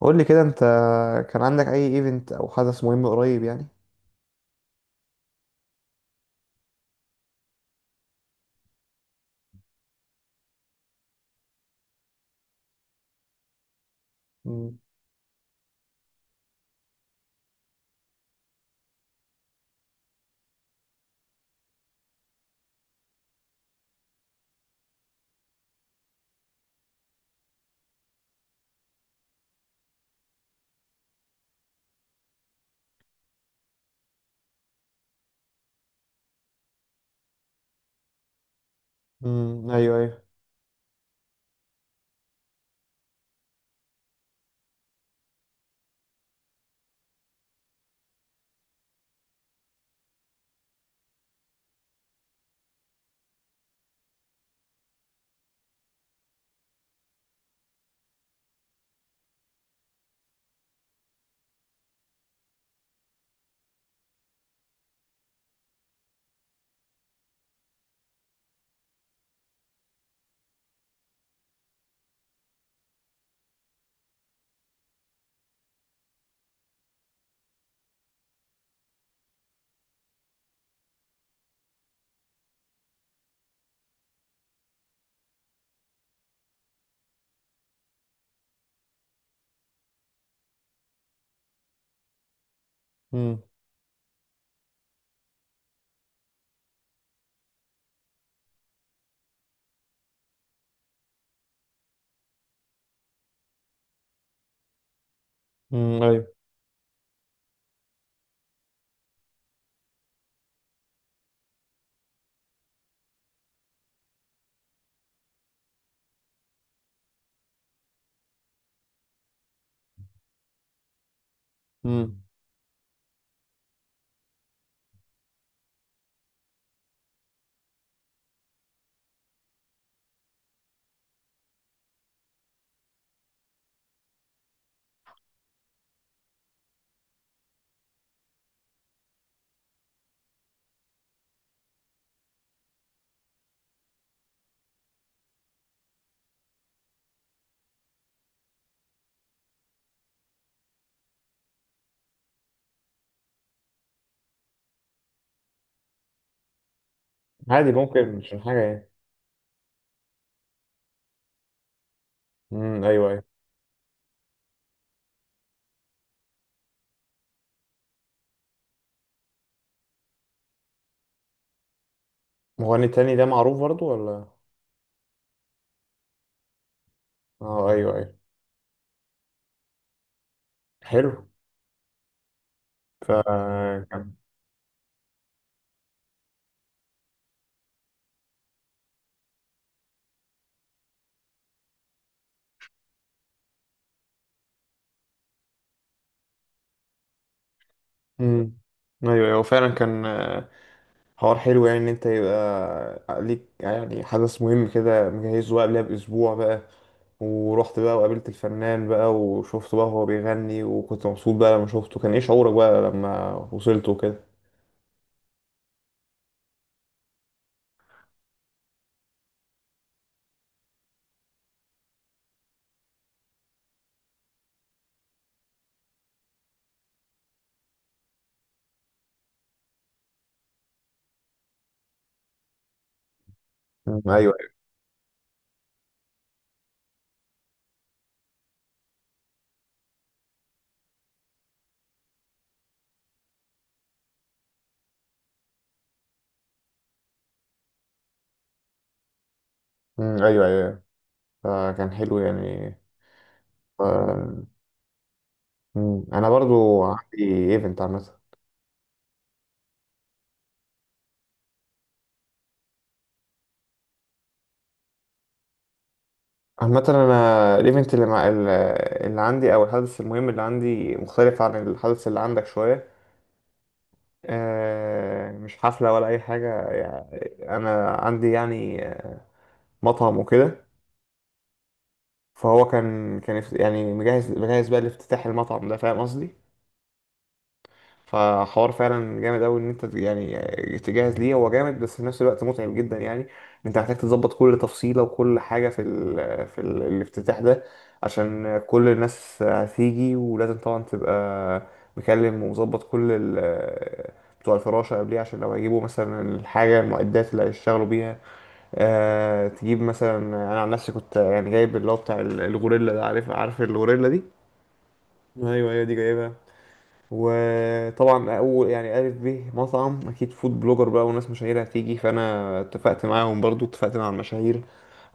قول لي كده انت كان عندك اي ايفنت او حدث مهم قريب يعني. مم. مم. ايوه ايوه. مم. مم. ايوه. مم. عادي ممكن مش حاجه يعني. مم. ايوه ايوه. مغني تاني ده معروف برضو ولا؟ اه ايوه ايوه. حلو. ف كان. مم. ايوه ايوه فعلا كان حوار حلو يعني ان انت يبقى ليك يعني حدث مهم كده مجهزه بقى قبلها باسبوع بقى، ورحت بقى وقابلت الفنان بقى وشفته بقى وهو بيغني وكنت مبسوط بقى لما شفته. كان ايه شعورك بقى لما وصلت وكده؟ مم. ايوه أيوه. مم، ايوه ايوه. فكان حلو يعني. ف... مم. انا برضو عندي ايفنت عامه. عامه انا الايفنت اللي مع اللي عندي او الحدث المهم اللي عندي مختلف عن الحدث اللي عندك شويه. مش حفله ولا اي حاجه يعني. انا عندي يعني مطعم وكده. فهو كان يعني مجهز بقى لافتتاح المطعم ده، فاهم قصدي؟ فحوار فعلا جامد قوي ان انت يعني تجهز ليه. هو جامد بس في نفس الوقت متعب جدا يعني. انت محتاج تظبط كل تفصيله وكل حاجه في ال الافتتاح ده، عشان كل الناس هتيجي. ولازم طبعا تبقى مكلم ومظبط كل ال بتوع الفراشه قبليه، عشان لو هيجيبوا مثلا الحاجه المعدات اللي هيشتغلوا بيها. آه، تجيب مثلا. انا عن نفسي كنت يعني جايب اللي هو بتاع الغوريلا ده. عارف؟ عارف الغوريلا دي؟ ايوه ايوه دي جايبها. وطبعا اول يعني الف ب مطعم اكيد فود بلوجر بقى وناس مشاهير هتيجي، فانا اتفقت معاهم. برضو اتفقت مع المشاهير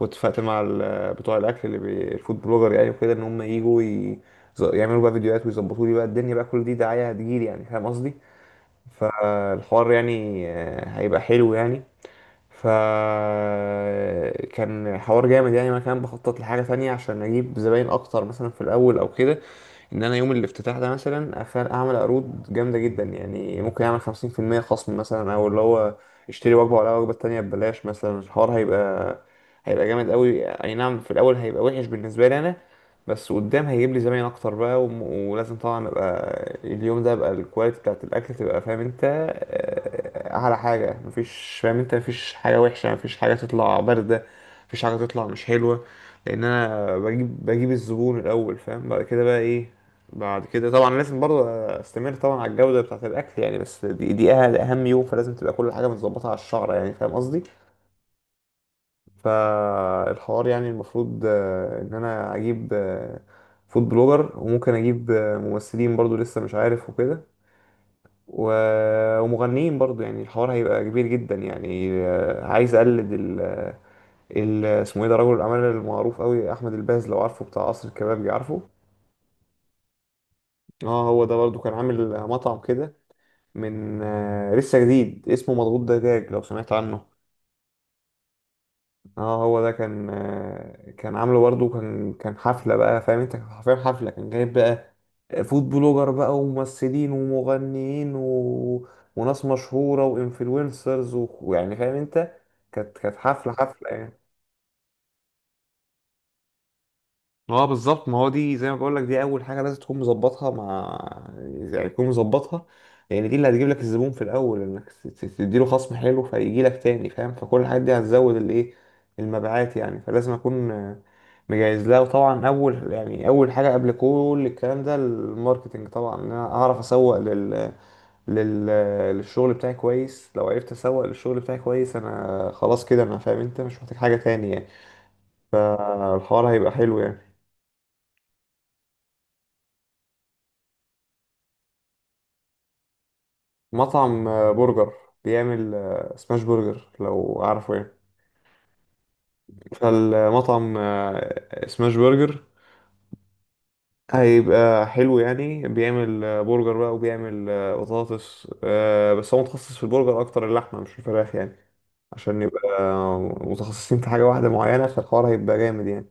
واتفقت مع بتوع الاكل اللي الفود بلوجر يعني وكده، ان هم يجوا يعملوا بقى فيديوهات ويظبطوا لي بقى الدنيا بقى. كل دي دعايه هتجيلي يعني، فاهم قصدي؟ فالحوار يعني هيبقى حلو يعني. فكان حوار جامد يعني. ما كان بخطط لحاجة تانية عشان أجيب زباين أكتر مثلا في الأول أو كده، ان انا يوم الافتتاح ده مثلا اعمل عروض جامده جدا يعني. ممكن اعمل 50% خصم مثلا، او اللي هو اشتري وجبه ولا وجبه تانية ببلاش مثلا. الحوار هيبقى جامد قوي. اي نعم في الاول هيبقى وحش بالنسبه لي انا، بس قدام هيجيب لي زباين اكتر بقى. ولازم طبعا ابقى اليوم ده ابقى الكواليتي بتاعت الاكل تبقى فاهم انت اعلى حاجه. مفيش فاهم انت، مفيش حاجه وحشه، مفيش حاجه تطلع بارده، مفيش حاجه تطلع مش حلوه. لان انا بجيب الزبون الاول، فاهم؟ بعد كده بقى ايه، بعد كده طبعا لازم برضه استمر طبعا على الجودة بتاعة الأكل يعني. بس دي أهم يوم، فلازم تبقى كل حاجة متظبطة على الشعرة يعني، فاهم قصدي؟ فالحوار يعني المفروض إن أنا أجيب فود بلوجر، وممكن أجيب ممثلين برضه لسه مش عارف وكده. ومغنيين برضه يعني. الحوار هيبقى كبير جدا يعني. عايز أقلد ال اسمه ايه ده، رجل الأعمال المعروف قوي أحمد الباز، لو عارفه، بتاع قصر الكبابجي، عارفه؟ اه هو ده برضه كان عامل مطعم كده من لسه جديد، اسمه مضغوط دجاج، لو سمعت عنه. اه هو ده كان كان عامله برضه. كان حفلة بقى، فاهم انت؟ كان حرفيا حفلة. كان جايب بقى فود بلوجر بقى وممثلين ومغنيين وناس مشهورة وانفلونسرز ويعني فاهم انت. كانت حفلة يعني. اه بالظبط. ما هو دي زي ما بقول لك، دي اول حاجه لازم تكون مظبطها مع، يعني تكون مظبطها، لان دي اللي هتجيب لك الزبون في الاول. انك تديله خصم حلو فيجي لك تاني، فاهم؟ فكل الحاجات دي هتزود الايه، المبيعات يعني. فلازم اكون مجهز لها. وطبعا اول يعني اول حاجه قبل كل الكلام ده الماركتنج طبعا، ان انا اعرف اسوق لل... للشغل بتاعي كويس. لو عرفت اسوق للشغل بتاعي كويس انا خلاص كده انا فاهم انت، مش محتاج حاجه تاني يعني. فالحوار هيبقى حلو يعني. مطعم برجر، بيعمل سماش برجر، لو عارفه يعني. فالمطعم سماش برجر هيبقى حلو يعني. بيعمل برجر بقى وبيعمل بطاطس. بس هو متخصص في البرجر اكتر، اللحمة مش الفراخ يعني. عشان يبقى متخصصين في حاجة واحدة معينة، فالحوار هيبقى جامد يعني.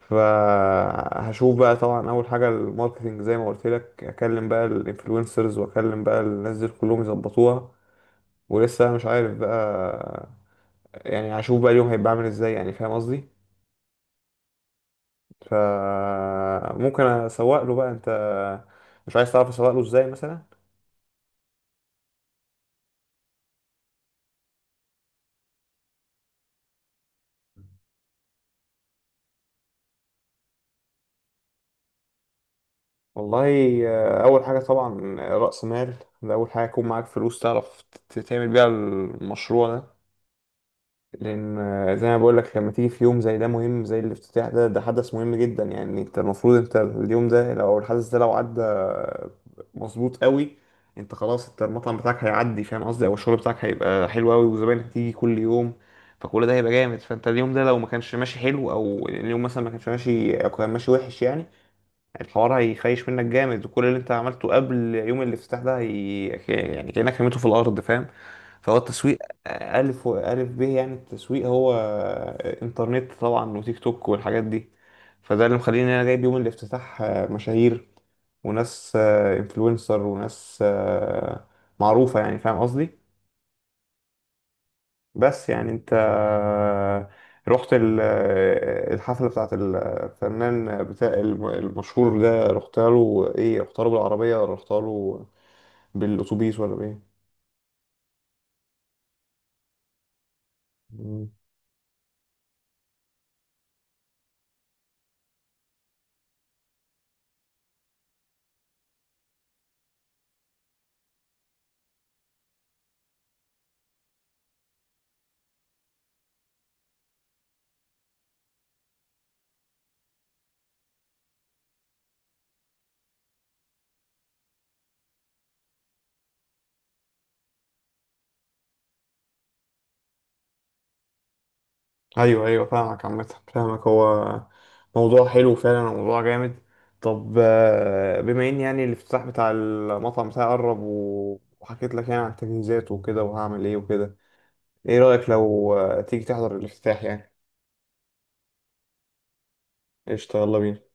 فهشوف بقى طبعا اول حاجة الماركتينج، زي ما قلت لك، اكلم بقى الانفلونسرز واكلم بقى الناس دي كلهم يظبطوها. ولسه مش عارف بقى يعني. هشوف بقى اليوم هيبقى عامل ازاي يعني، فاهم قصدي؟ ف ممكن اسوق له بقى. انت مش عايز تعرف اسوق له ازاي مثلا؟ والله اول حاجه طبعا راس مال. ده اول حاجه، يكون معاك فلوس تعرف تعمل بيها المشروع ده. لان زي ما بقول لك، لما تيجي في يوم زي ده مهم زي الافتتاح ده، ده حدث مهم جدا يعني. انت المفروض انت اليوم ده لو الحدث ده لو عدى مظبوط قوي، انت خلاص، انت المطعم بتاعك هيعدي، فاهم قصدي؟ او الشغل بتاعك هيبقى حلو قوي وزباينك هتيجي كل يوم، فكل ده هيبقى جامد. فانت اليوم ده لو ما كانش ماشي حلو، او اليوم مثلا ما كانش ماشي او كان ماشي وحش يعني، الحوار هيخيش منك جامد، وكل اللي انت عملته قبل يوم الافتتاح ده يعني كأنك رميته في الارض، فاهم؟ فهو التسويق ألف ألف به يعني. التسويق هو إنترنت طبعا وتيك توك والحاجات دي. فده اللي مخليني أنا جايب يوم الافتتاح مشاهير، وناس انفلونسر، وناس معروفة يعني، فاهم قصدي؟ بس يعني انت رحت الحفلة بتاعت الفنان بتاع المشهور ده، رحتها له ايه، رحتها له بالعربية ولا رحتها له بالأتوبيس ولا بايه؟ مم. ايوه ايوه فاهمك. عامة فاهمك، هو موضوع حلو فعلا وموضوع جامد. طب بما ان يعني الافتتاح بتاع المطعم بتاعي قرب، وحكيت لك يعني عن التجهيزات وكده وهعمل ايه وكده، ايه رأيك لو تيجي تحضر الافتتاح يعني؟ قشطة، يلا بينا.